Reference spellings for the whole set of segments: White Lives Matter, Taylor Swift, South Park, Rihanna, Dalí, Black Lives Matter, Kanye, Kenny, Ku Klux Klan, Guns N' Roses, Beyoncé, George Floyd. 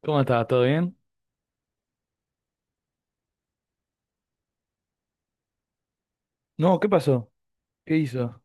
¿Cómo estás? ¿Todo bien? No, ¿qué pasó? ¿Qué hizo?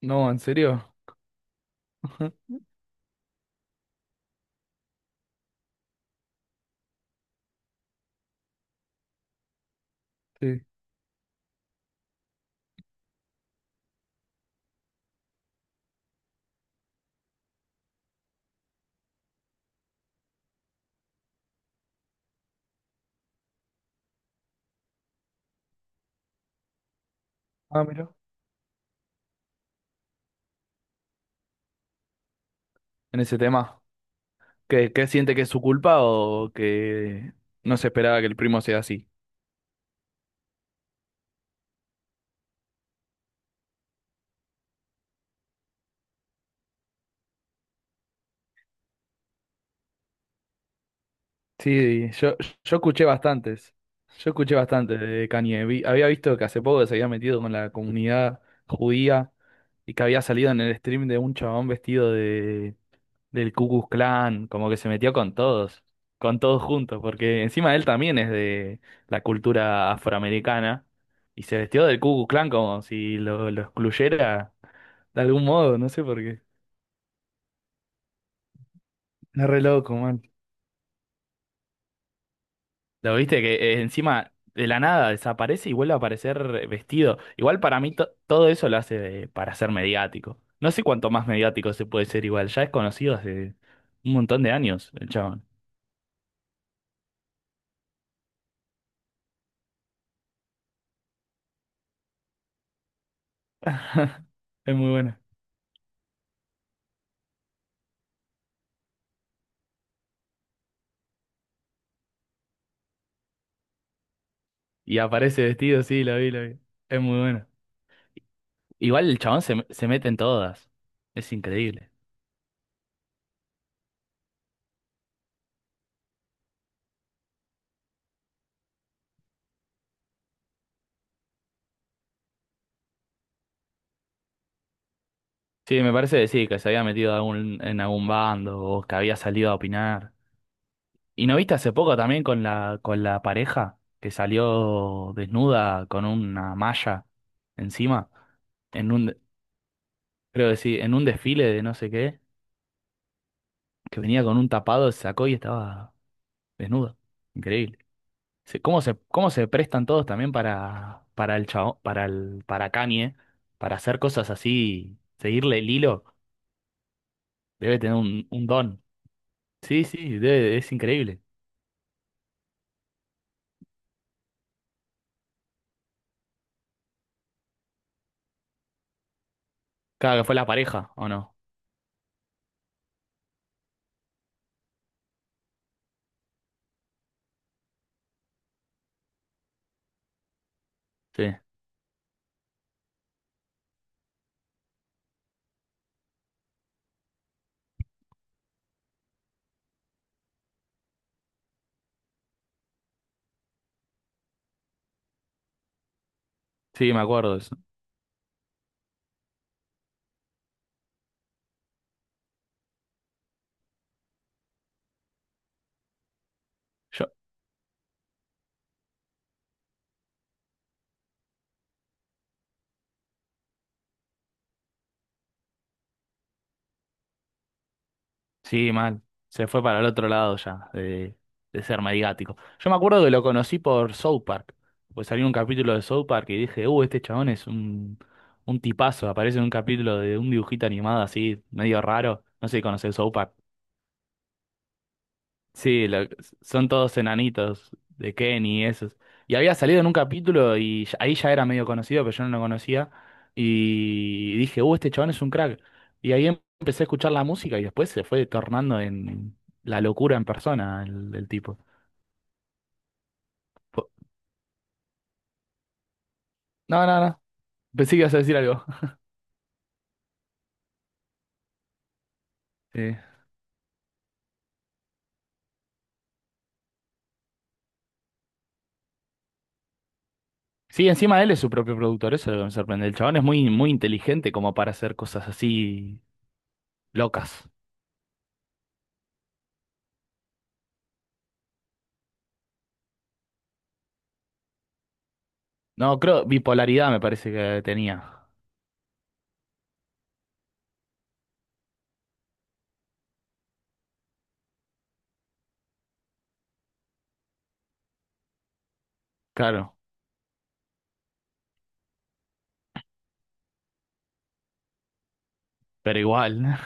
No, ¿en serio? Sí. Ah, mira. En ese tema. ¿Qué, qué siente que es su culpa o que no se esperaba que el primo sea así? Sí, yo escuché bastantes. Yo escuché bastante de Kanye. Había visto que hace poco se había metido con la comunidad judía y que había salido en el stream de un chabón vestido de del Ku Klux Klan, como que se metió con todos juntos, porque encima él también es de la cultura afroamericana y se vestió del Ku Klux Klan como si lo excluyera de algún modo, no sé por qué. Es re loco, man. Lo viste que encima de la nada desaparece y vuelve a aparecer vestido. Igual para mí todo eso lo hace para ser mediático. No sé cuánto más mediático se puede ser igual. Ya es conocido hace un montón de años el chabón. Es muy bueno. Y aparece vestido, sí, lo vi, lo vi. Es muy bueno. Igual el chabón se mete en todas. Es increíble. Sí, me parece que sí, que se había metido en algún bando o que había salido a opinar. ¿Y no viste hace poco también con con la pareja que salió desnuda con una malla encima? En un, Creo que sí, en un desfile de no sé qué, que venía con un tapado, se sacó y estaba desnuda. Increíble. ¿Cómo cómo se prestan todos también para el chavo, para Kanye, para hacer cosas así, seguirle el hilo? Debe tener un don. Sí, sí, es increíble. Claro que fue la pareja, ¿o no? Sí, sí, me acuerdo de eso. Yo, Sí, mal. Se fue para el otro lado ya, de ser mediático. Yo me acuerdo que lo conocí por South Park. Pues salió un capítulo de South Park y dije, este chabón es un tipazo. Aparece en un capítulo de un dibujito animado así, medio raro. No sé si conoces South Park. Sí, son todos enanitos de Kenny y esos. Y había salido en un capítulo y ahí ya era medio conocido, pero yo no lo conocía. Y dije, este chabón es un crack. Y ahí empecé a escuchar la música y después se fue tornando en la locura en persona el tipo. Fue- No, no, no. Pensé que ibas a decir algo. Sí. Sí, encima él es su propio productor, eso es lo que me sorprende. El chabón es muy, muy inteligente como para hacer cosas así locas. No, creo, bipolaridad me parece que tenía. Claro, pero igual.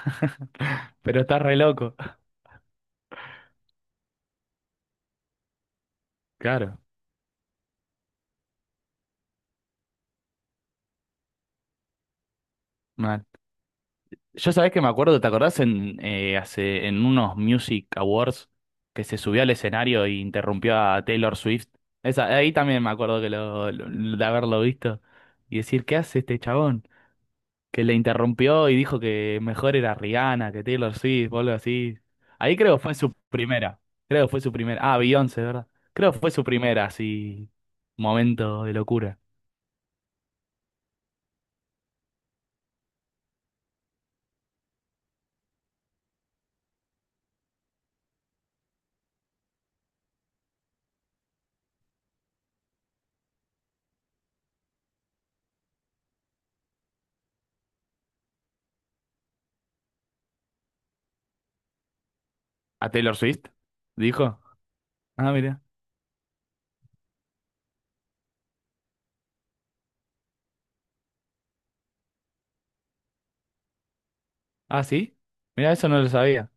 Pero está re loco. Claro, mal. Yo sabés que me acuerdo, ¿te acordás en hace en unos Music Awards que se subió al escenario e interrumpió a Taylor Swift? Esa, ahí también me acuerdo que de haberlo visto y decir, ¿qué hace este chabón? Que le interrumpió y dijo que mejor era Rihanna que Taylor Swift o algo así. Ahí creo fue su primera. Creo fue su primera. Ah, Beyoncé, ¿verdad? Creo fue su primera, así, momento de locura. ¿A Taylor Swift? Dijo. Ah, mira. Ah, sí. Mira, eso no lo sabía.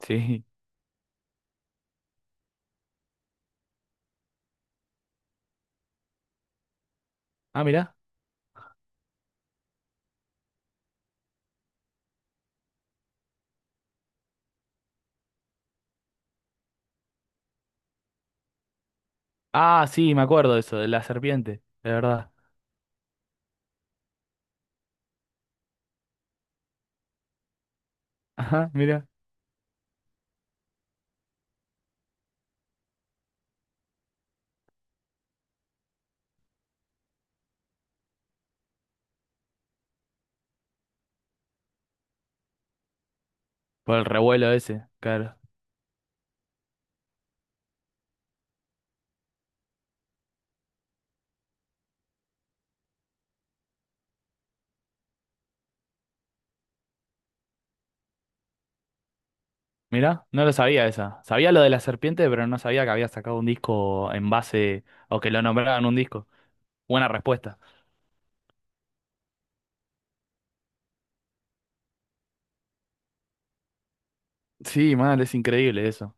Sí. Ah, mira. Ah, sí, me acuerdo de eso, de la serpiente, de verdad. Ajá, mira. Por el revuelo ese, claro. Mira, no lo sabía esa. Sabía lo de la serpiente, pero no sabía que había sacado un disco en base o que lo nombraban un disco. Buena respuesta. Sí, mal, es increíble eso.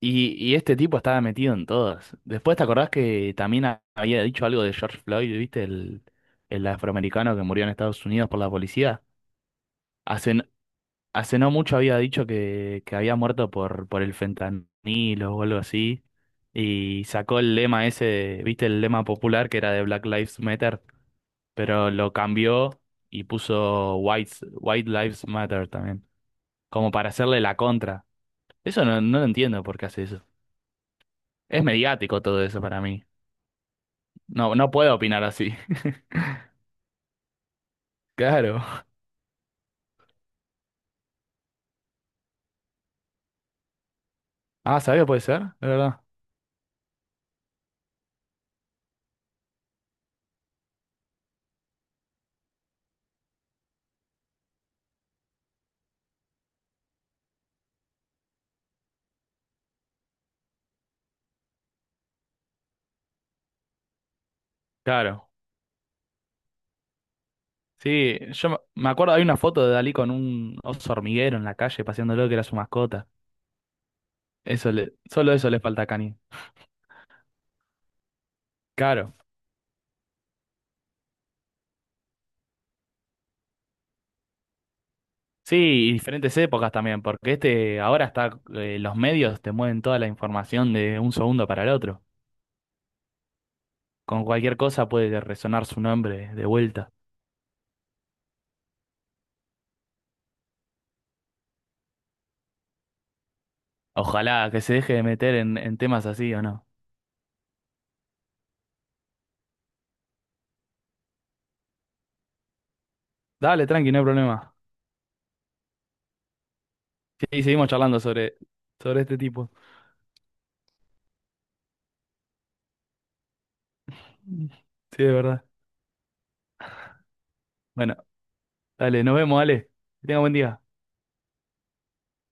Y este tipo estaba metido en todas. Después, ¿te acordás que también había dicho algo de George Floyd, viste? El afroamericano que murió en Estados Unidos por la policía. Hace, Hace no mucho había dicho que había muerto por el fentanilo o algo así. Y sacó el lema ese, viste el lema popular que era de Black Lives Matter, pero lo cambió y puso White, White Lives Matter también, como para hacerle la contra. Eso no, no lo entiendo por qué hace eso. Es mediático todo eso para mí. No, no puedo opinar así. Claro. Ah, ¿sabía? Puede ser, de verdad. Claro. Sí, yo me me acuerdo, hay una foto de Dalí con un oso hormiguero en la calle paseándolo que era su mascota. Solo eso le falta a Kanye. Claro. Sí, y diferentes épocas también, porque este ahora está, los medios te mueven toda la información de un segundo para el otro. Con cualquier cosa puede resonar su nombre de vuelta. Ojalá que se deje de meter en temas así o no. Dale, tranqui, no hay problema. Sí, seguimos charlando sobre este tipo. Sí, de verdad. Bueno, dale, nos vemos, dale. Que tenga buen día.